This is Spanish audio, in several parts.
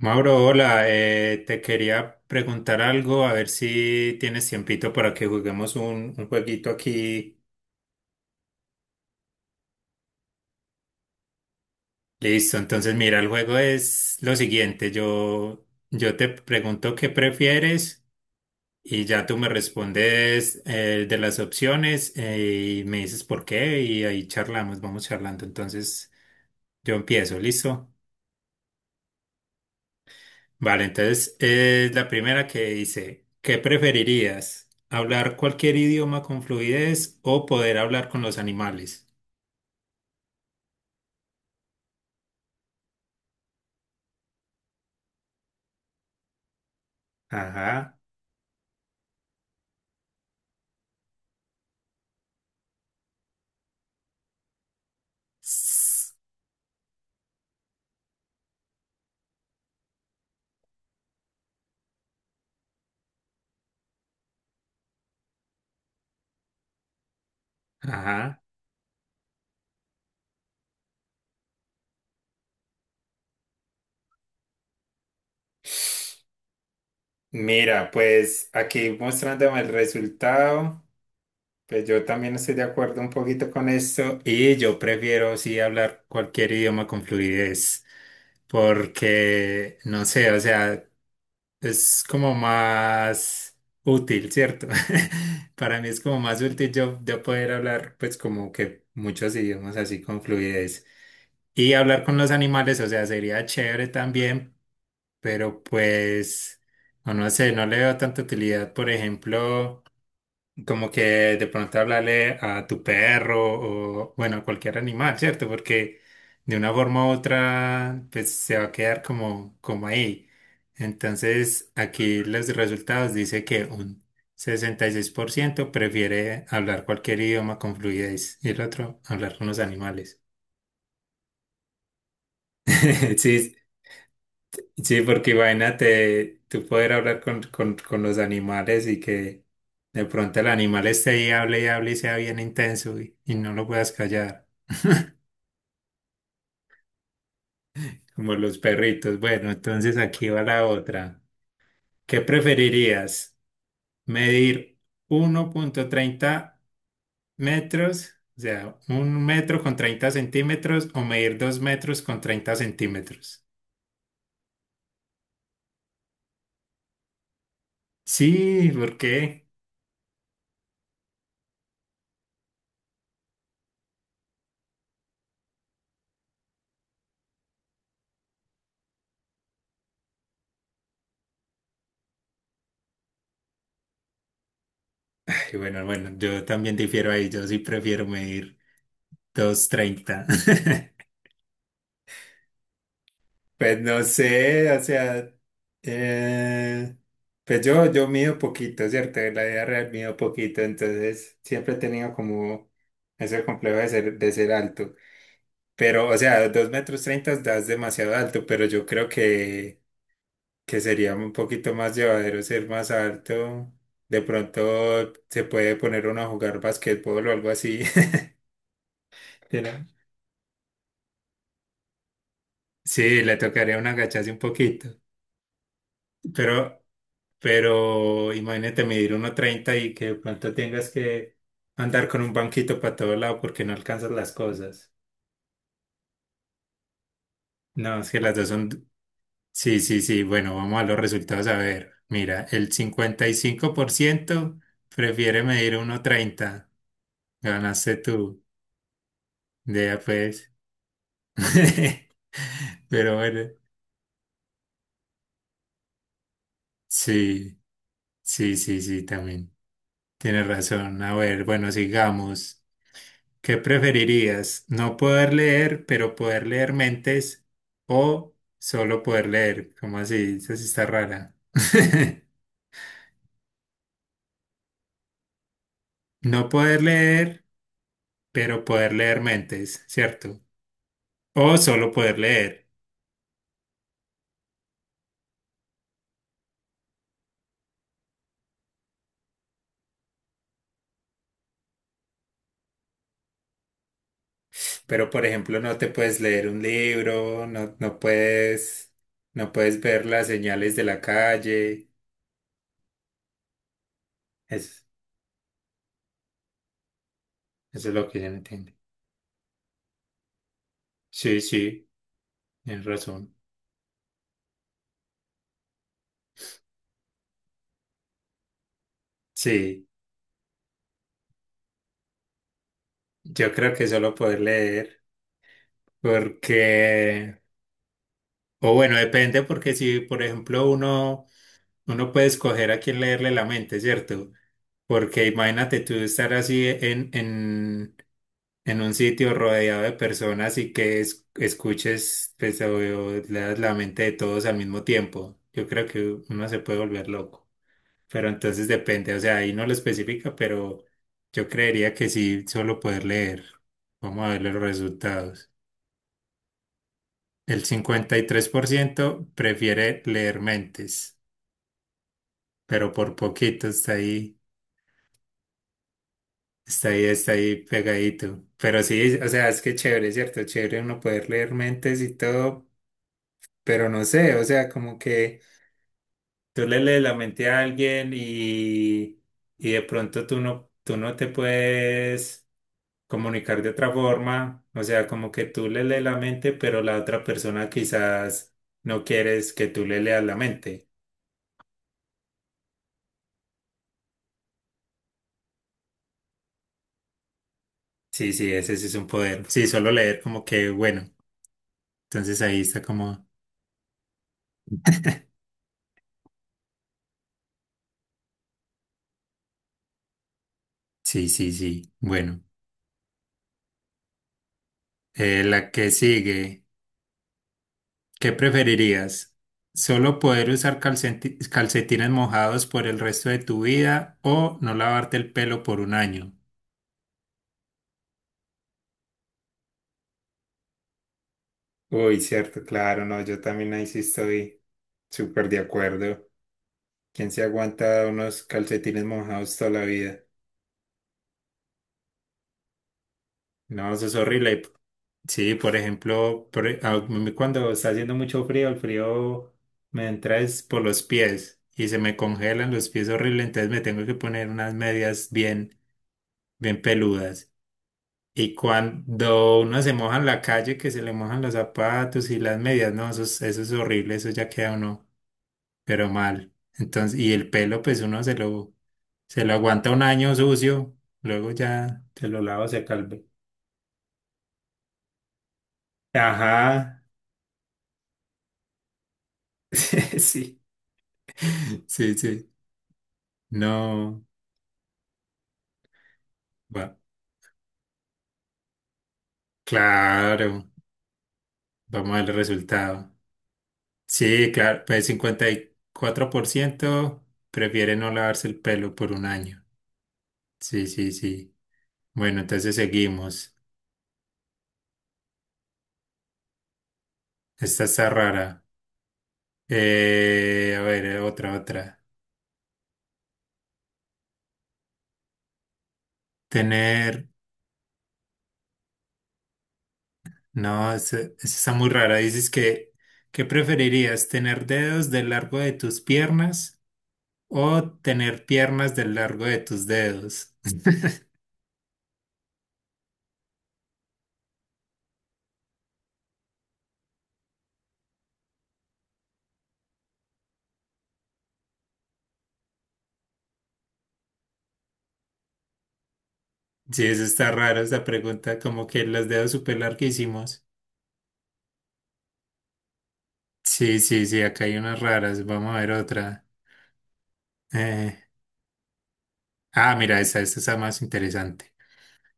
Mauro, hola, te quería preguntar algo, a ver si tienes tiempito para que juguemos un jueguito aquí. Listo, entonces mira, el juego es lo siguiente, yo te pregunto qué prefieres y ya tú me respondes de las opciones y me dices por qué y ahí charlamos, vamos charlando. Entonces yo empiezo, ¿listo? Vale, entonces es la primera que dice, ¿qué preferirías? ¿Hablar cualquier idioma con fluidez o poder hablar con los animales? Ajá. Ss, Ajá. Mira, pues aquí mostrándome el resultado, pues yo también estoy de acuerdo un poquito con esto y yo prefiero sí hablar cualquier idioma con fluidez porque, no sé, o sea... es como más útil, ¿cierto? Para mí es como más útil yo poder hablar pues como que muchos idiomas así con fluidez. Y hablar con los animales, o sea, sería chévere también, pero pues, no sé, no le veo tanta utilidad, por ejemplo. Como que de pronto hablarle a tu perro o, bueno, a cualquier animal, ¿cierto? Porque de una forma u otra, pues se va a quedar como, como ahí. Entonces, aquí los resultados dice que un 66% prefiere hablar cualquier idioma con fluidez y el otro hablar con los animales. Sí, sí, porque imagínate tú poder hablar con, con los animales y que de pronto el animal esté ahí, hable y hable y sea bien intenso y no lo puedas callar, como los perritos. Bueno, entonces aquí va la otra. ¿Qué preferirías? ¿Medir uno punto treinta metros, o sea, un metro con 30 centímetros o medir dos metros con 30 centímetros? Sí, ¿por qué? Ay, bueno, bueno, yo también difiero ahí, yo sí prefiero medir dos treinta. Pues no sé, o sea, eh, pues yo mido poquito, ¿cierto? En la vida real mido poquito, entonces siempre he tenido como ese complejo de ser alto. Pero, o sea, dos metros treinta das demasiado alto, pero yo creo que sería un poquito más llevadero ser más alto. De pronto se puede poner uno a jugar basquetbol o algo así. Pero sí, le tocaría un agacharse un poquito. Pero, pero imagínate medir uno treinta y que de pronto tengas que andar con un banquito para todo lado porque no alcanzas las cosas. No, es que las dos son... Sí, sí, sí. Bueno, vamos a los resultados a ver. Mira, el 55% prefiere medir uno treinta. Ganaste tú. Ya pues. Pero bueno, sí, sí, sí, sí, también. Tienes razón. A ver, bueno, sigamos. ¿Qué preferirías? ¿No poder leer, pero poder leer mentes o solo poder leer? ¿Cómo así? Esa sí está rara. No poder leer, pero poder leer mentes, ¿cierto? O solo poder leer. Pero, por ejemplo, no te puedes leer un libro, no puedes, no puedes ver las señales de la calle. Es- Eso es lo que yo no entiendo. Sí, sí, tienes razón. Sí, yo creo que solo poder leer, porque... O bueno, depende porque si, por ejemplo, uno puede escoger a quién leerle la mente, ¿cierto? Porque imagínate tú estar así en un sitio rodeado de personas y que escuches, pues, o leas la mente de todos al mismo tiempo. Yo creo que uno se puede volver loco. Pero entonces depende, o sea, ahí no lo especifica, pero yo creería que sí, solo poder leer. Vamos a ver los resultados. El 53% prefiere leer mentes, pero por poquito está ahí, está ahí, está ahí pegadito. Pero sí, o sea, es que chévere, ¿cierto? Chévere uno poder leer mentes y todo, pero no sé, o sea, como que tú le lees la mente a alguien y de pronto tú no te puedes comunicar de otra forma, o sea, como que tú le lees la mente, pero la otra persona quizás no quieres que tú le leas la mente. Sí, sí, ese sí es un poder. Sí, solo leer como que, bueno, entonces ahí está como, sí, sí, sí, bueno. La que sigue, ¿qué preferirías? ¿Solo poder usar calcetines mojados por el resto de tu vida o no lavarte el pelo por un año? Uy, cierto, claro, no, yo también ahí sí estoy súper de acuerdo. ¿Quién se aguanta unos calcetines mojados toda la vida? No, eso es horrible. Sí, por ejemplo, a mí cuando está haciendo mucho frío, el frío me entra es por los pies y se me congelan los pies horrible, entonces me tengo que poner unas medias bien, bien peludas. Y cuando uno se moja en la calle, que se le mojan los zapatos y las medias, no, eso es horrible, eso ya queda uno, pero mal. Entonces, y el pelo, pues uno se lo aguanta un año sucio, luego ya se lo lavo, se calve. Ajá, sí. Sí, sí. No. Va, claro. Vamos a ver el resultado. Sí, claro. Pues 54% prefiere no lavarse el pelo por un año. Sí, sí, sí. Bueno, entonces seguimos. Esta está rara. A ver, otra, otra. Tener. No, esta está muy rara. Dices que, ¿qué preferirías? ¿Tener dedos del largo de tus piernas o tener piernas del largo de tus dedos? Sí, eso está raro, esta pregunta, como que las dedos súper larguísimos. Sí, sí, sí, acá hay unas raras. Vamos a ver otra. Eh, ah, mira, esta está más interesante.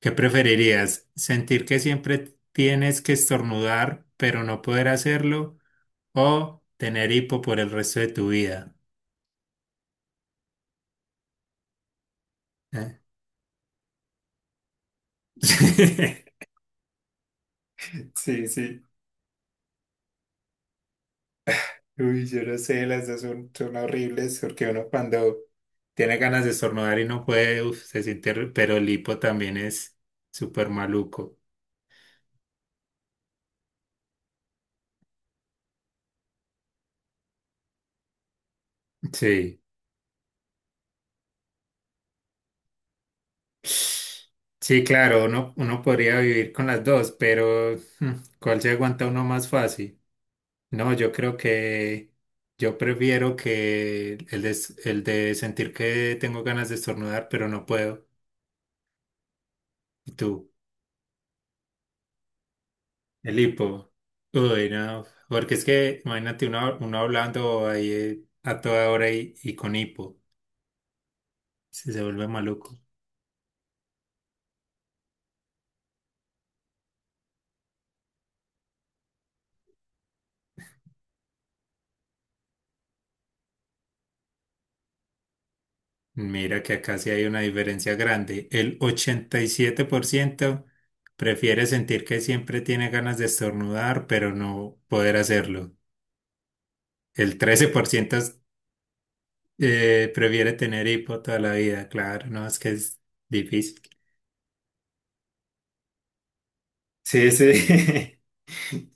¿Qué preferirías? ¿Sentir que siempre tienes que estornudar, pero no poder hacerlo? ¿O tener hipo por el resto de tu vida? Eh. Sí, sí. Uy, yo no sé, las dos son, son horribles porque uno cuando tiene ganas de estornudar y no puede, uf, se siente, horri- pero el hipo también es súper maluco. Sí. Sí, claro, uno, uno podría vivir con las dos, pero ¿cuál se aguanta uno más fácil? No, yo creo que yo prefiero que el de sentir que tengo ganas de estornudar, pero no puedo. ¿Y tú? El hipo. Uy, no. Porque es que, imagínate uno, uno hablando ahí a toda hora y con hipo. Se vuelve maluco. Mira que acá sí hay una diferencia grande. El 87% prefiere sentir que siempre tiene ganas de estornudar, pero no poder hacerlo. El 13% prefiere tener hipo toda la vida. Claro, no, es que es difícil. Sí, sí.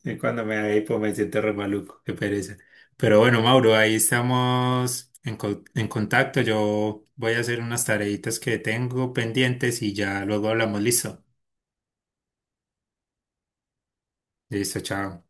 Y cuando me da hipo me siento re maluco, qué pereza. Pero bueno, Mauro, ahí estamos en, en contacto. Yo voy a hacer unas tareitas que tengo pendientes y ya luego hablamos. Listo. Listo, chao.